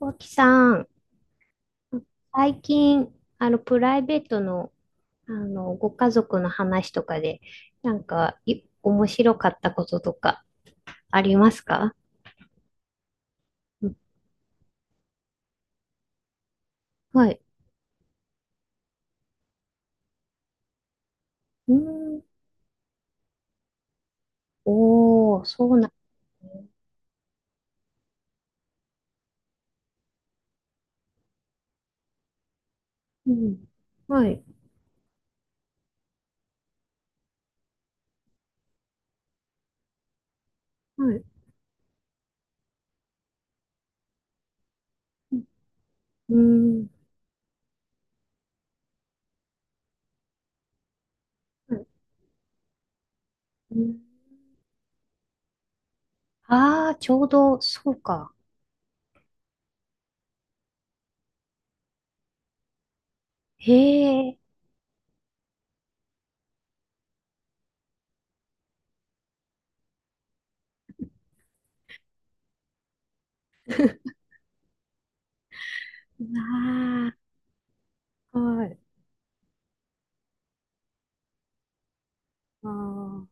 大木さん、最近、プライベートの、ご家族の話とかで、なんか、面白かったこととか、ありますか？うん、はい。うん。おー、そうなんですね。うん。はい。はい。うん。はい、うん。ああー、ちょうど、そうか。へえ。ああ、はい。ああ、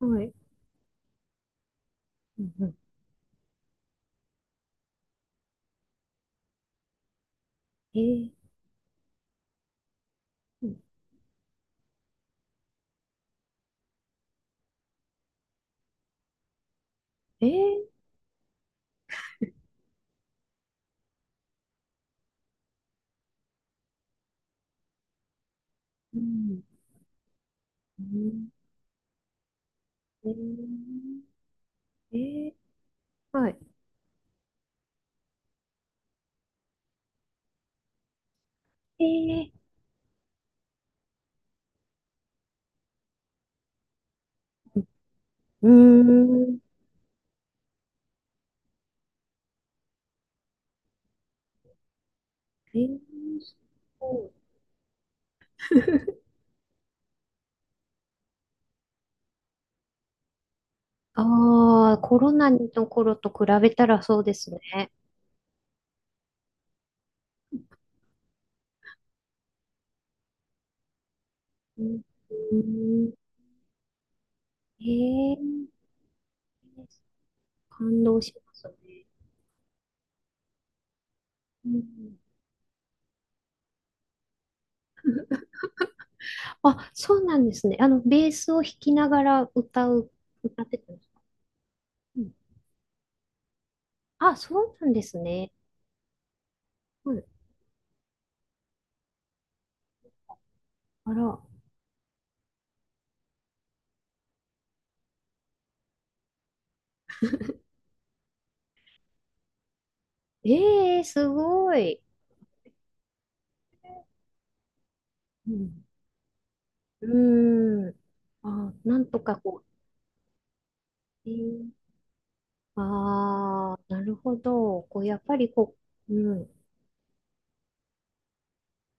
はい。うん、うん、えー、うん、えー、うん。うん、えー、えー、はい。えー、うーん。えー、そう、ああ、コロナの頃と比べたらそうですね。うん、うん、えー、感動しますね。うん、あ、そうなんですね。ベースを弾きながら歌う、歌ってたんです。うん、あ、そうなんですね。うん、あら、ええー、すごい。うん、うーん。あ、なんとかこう。えー、ああ、なるほど。こう、やっぱりこう、うん。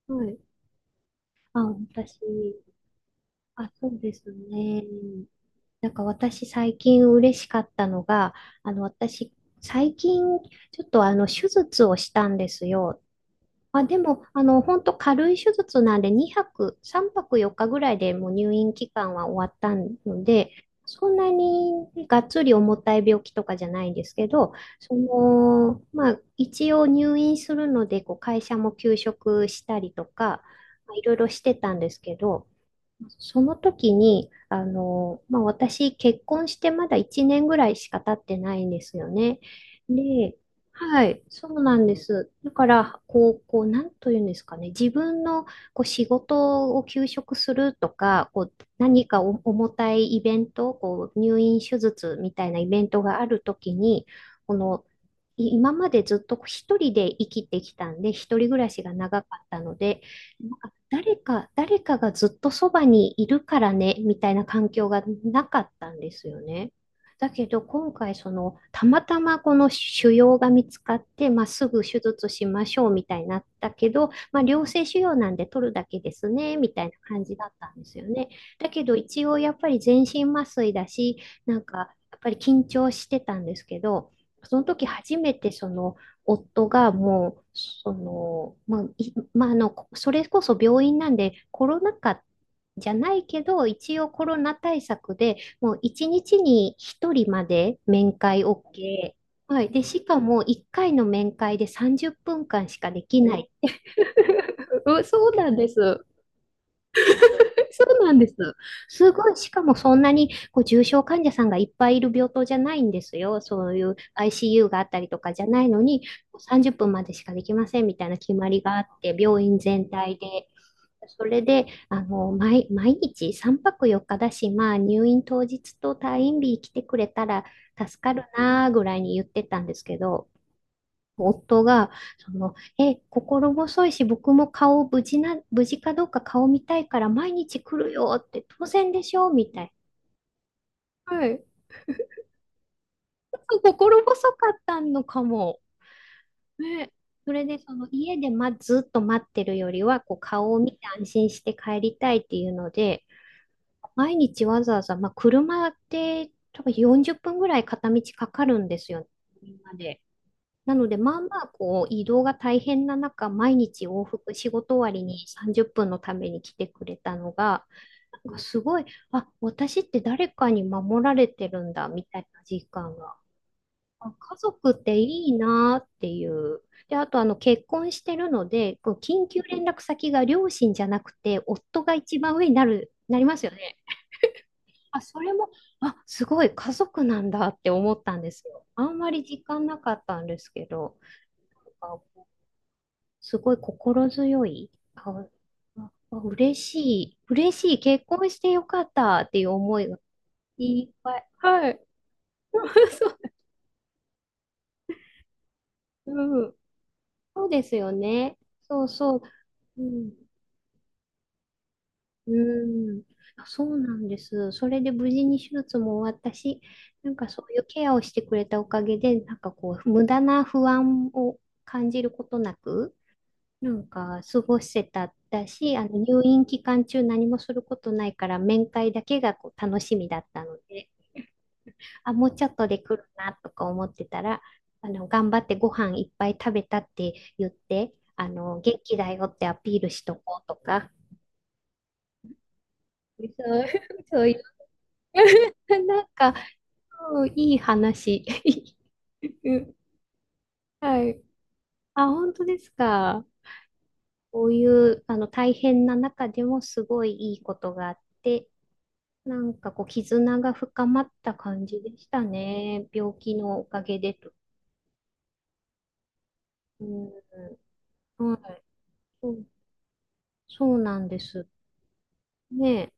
はい。あ、私、あ、そうですね。なんか私最近嬉しかったのが、私、最近、ちょっと手術をしたんですよ。あ、でも、本当軽い手術なんで、2泊、3泊4日ぐらいでもう入院期間は終わったので、そんなにがっつり重たい病気とかじゃないんですけど、まあ、一応入院するので、こう会社も休職したりとか、まあいろいろしてたんですけど、その時に、まあ、私、結婚してまだ1年ぐらいしか経ってないんですよね。で、はい、そうなんです。だから、こう、こう、なんというんですかね、自分のこう仕事を休職するとか、こう、何かお重たいイベント、こう、入院手術みたいなイベントがあるときに、この、今までずっと一人で生きてきたんで、一人暮らしが長かったので、誰かがずっとそばにいるからね、みたいな環境がなかったんですよね。だけど今回たまたまこの腫瘍が見つかって、まあ、すぐ手術しましょうみたいになったけど、まあ、良性腫瘍なんで取るだけですねみたいな感じだったんですよね。だけど一応やっぱり全身麻酔だし、なんかやっぱり緊張してたんですけど、その時初めてその夫がもう、その、まあ、まあ、それこそ病院なんで、コロナ禍じゃないけど、一応コロナ対策で、もう一日に一人まで面会 OK。はい。で、しかも一回の面会で30分間しかできない。そうなんです。そうなんです。すごい、しかもそんなにこう重症患者さんがいっぱいいる病棟じゃないんですよ。そういう ICU があったりとかじゃないのに、30分までしかできませんみたいな決まりがあって、病院全体で。それで、毎日3泊4日だし、まあ入院当日と退院日来てくれたら助かるなぐらいに言ってたんですけど、夫が、心細いし、僕も顔無事な、無事かどうか顔見たいから毎日来るよって、当然でしょみたい。はい。心細かったのかも。ね。それで、その家で、ま、ずっと待ってるよりは、こう顔を見て安心して帰りたいっていうので、毎日わざわざ、まあ、車って多分40分ぐらい片道かかるんですよね。みんなで。なので、まあまあ、こう、移動が大変な中、毎日往復、仕事終わりに30分のために来てくれたのが、なんかすごい、あ、私って誰かに守られてるんだ、みたいな実感が。あ、家族っていいなっていう。で、あと、結婚してるので、こう、緊急連絡先が両親じゃなくて、夫が一番上になりますよね。あ、それも、あ、すごい、家族なんだって思ったんですよ。あんまり時間なかったんですけど。すごい心強い。あ、ああ嬉しい。嬉しい。結婚してよかったっていう思いがいっぱい。はい。そう、うん。そうですよね。そうそう。うん。うん。そうなんです。それで無事に手術も終わったし、なんかそういうケアをしてくれたおかげで、なんかこう、無駄な不安を感じることなく、なんか過ごせただし、あの入院期間中何もすることないから面会だけがこう楽しみだったので、あ、もうちょっとで来るなとか思ってたら、頑張ってご飯いっぱい食べたって言って、元気だよってアピールしとこうとか、そう、そういう、 なんか、うん、いい話。うん、はい。あ、本当ですか。こういう大変な中でもすごいいいことがあって、なんかこう、絆が深まった感じでしたね。病気のおかげでと。うん。はい。そう、そうなんです。ねえ。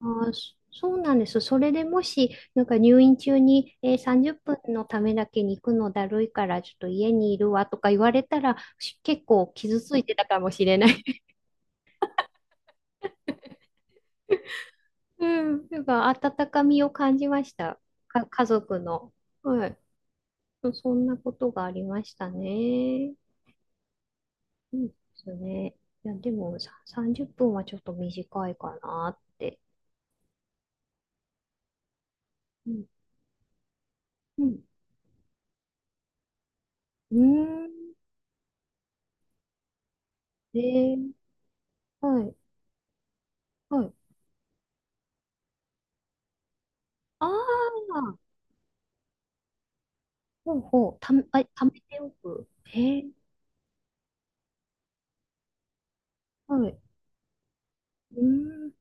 あー、そうなんです。それでもし、なんか入院中に、30分のためだけに行くのだるいから、ちょっと家にいるわとか言われたら、結構傷ついてたかもしれない。うん。なんか温かみを感じました。家族の。はい。そんなことがありましたね。うん、ですね。いや、でもさ、30分はちょっと短いかなって。うん。うん。うーん。えー、はい。はい。ああ、ほうほう。あ、貯めておく。えー、はい。うーん。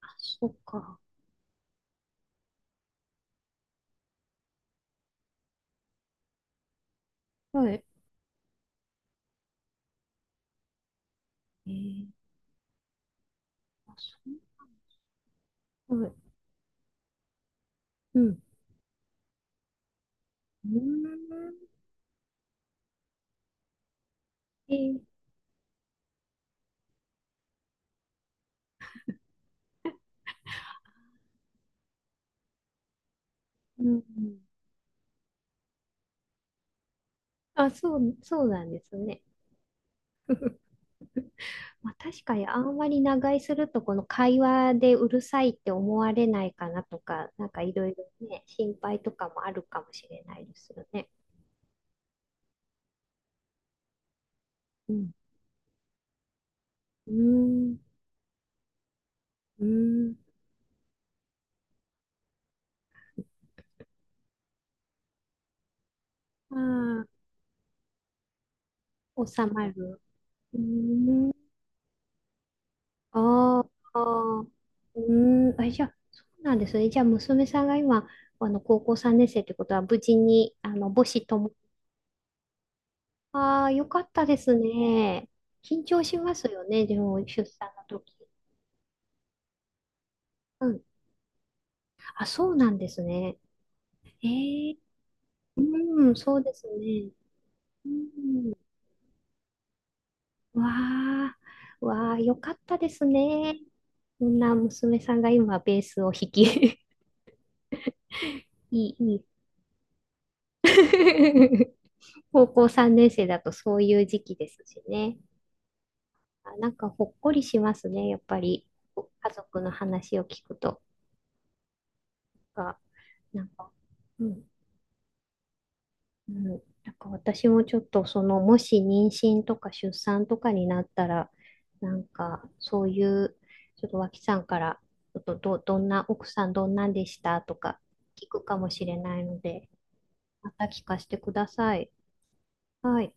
あ、そっか。はい。えー、あ、そう。はい。うん。うーん。えー、うん。あ、そう、そうなんですね。まあ、確かにあんまり長居するとこの会話でうるさいって思われないかなとか、なんかいろいろね、心配とかもあるかもしれないですよね。うん。うーん。うーん。ああ、収まる。うーん。あーあー、うーん。あ、じゃあ、そうなんですね。じゃあ、娘さんが今、高校3年生ってことは、無事に、母子とも。ああ、よかったですね。緊張しますよね、でも、出産の時。うん、あ、そうなんですね。えー、うん、そうですね。わあ、わあ、よかったですね。そんな娘さんが今ベースを弾き、いい、いい。高校3年生だとそういう時期ですしね。あ、なんかほっこりしますね、やっぱり。家族の話を聞くとか、なんか、うん、うん、なんか私もちょっともし妊娠とか出産とかになったら、なんかそういう、ちょっと脇さんから、ちょっとどんな、奥さんどんなんでしたとか聞くかもしれないので、また聞かせてください。はい。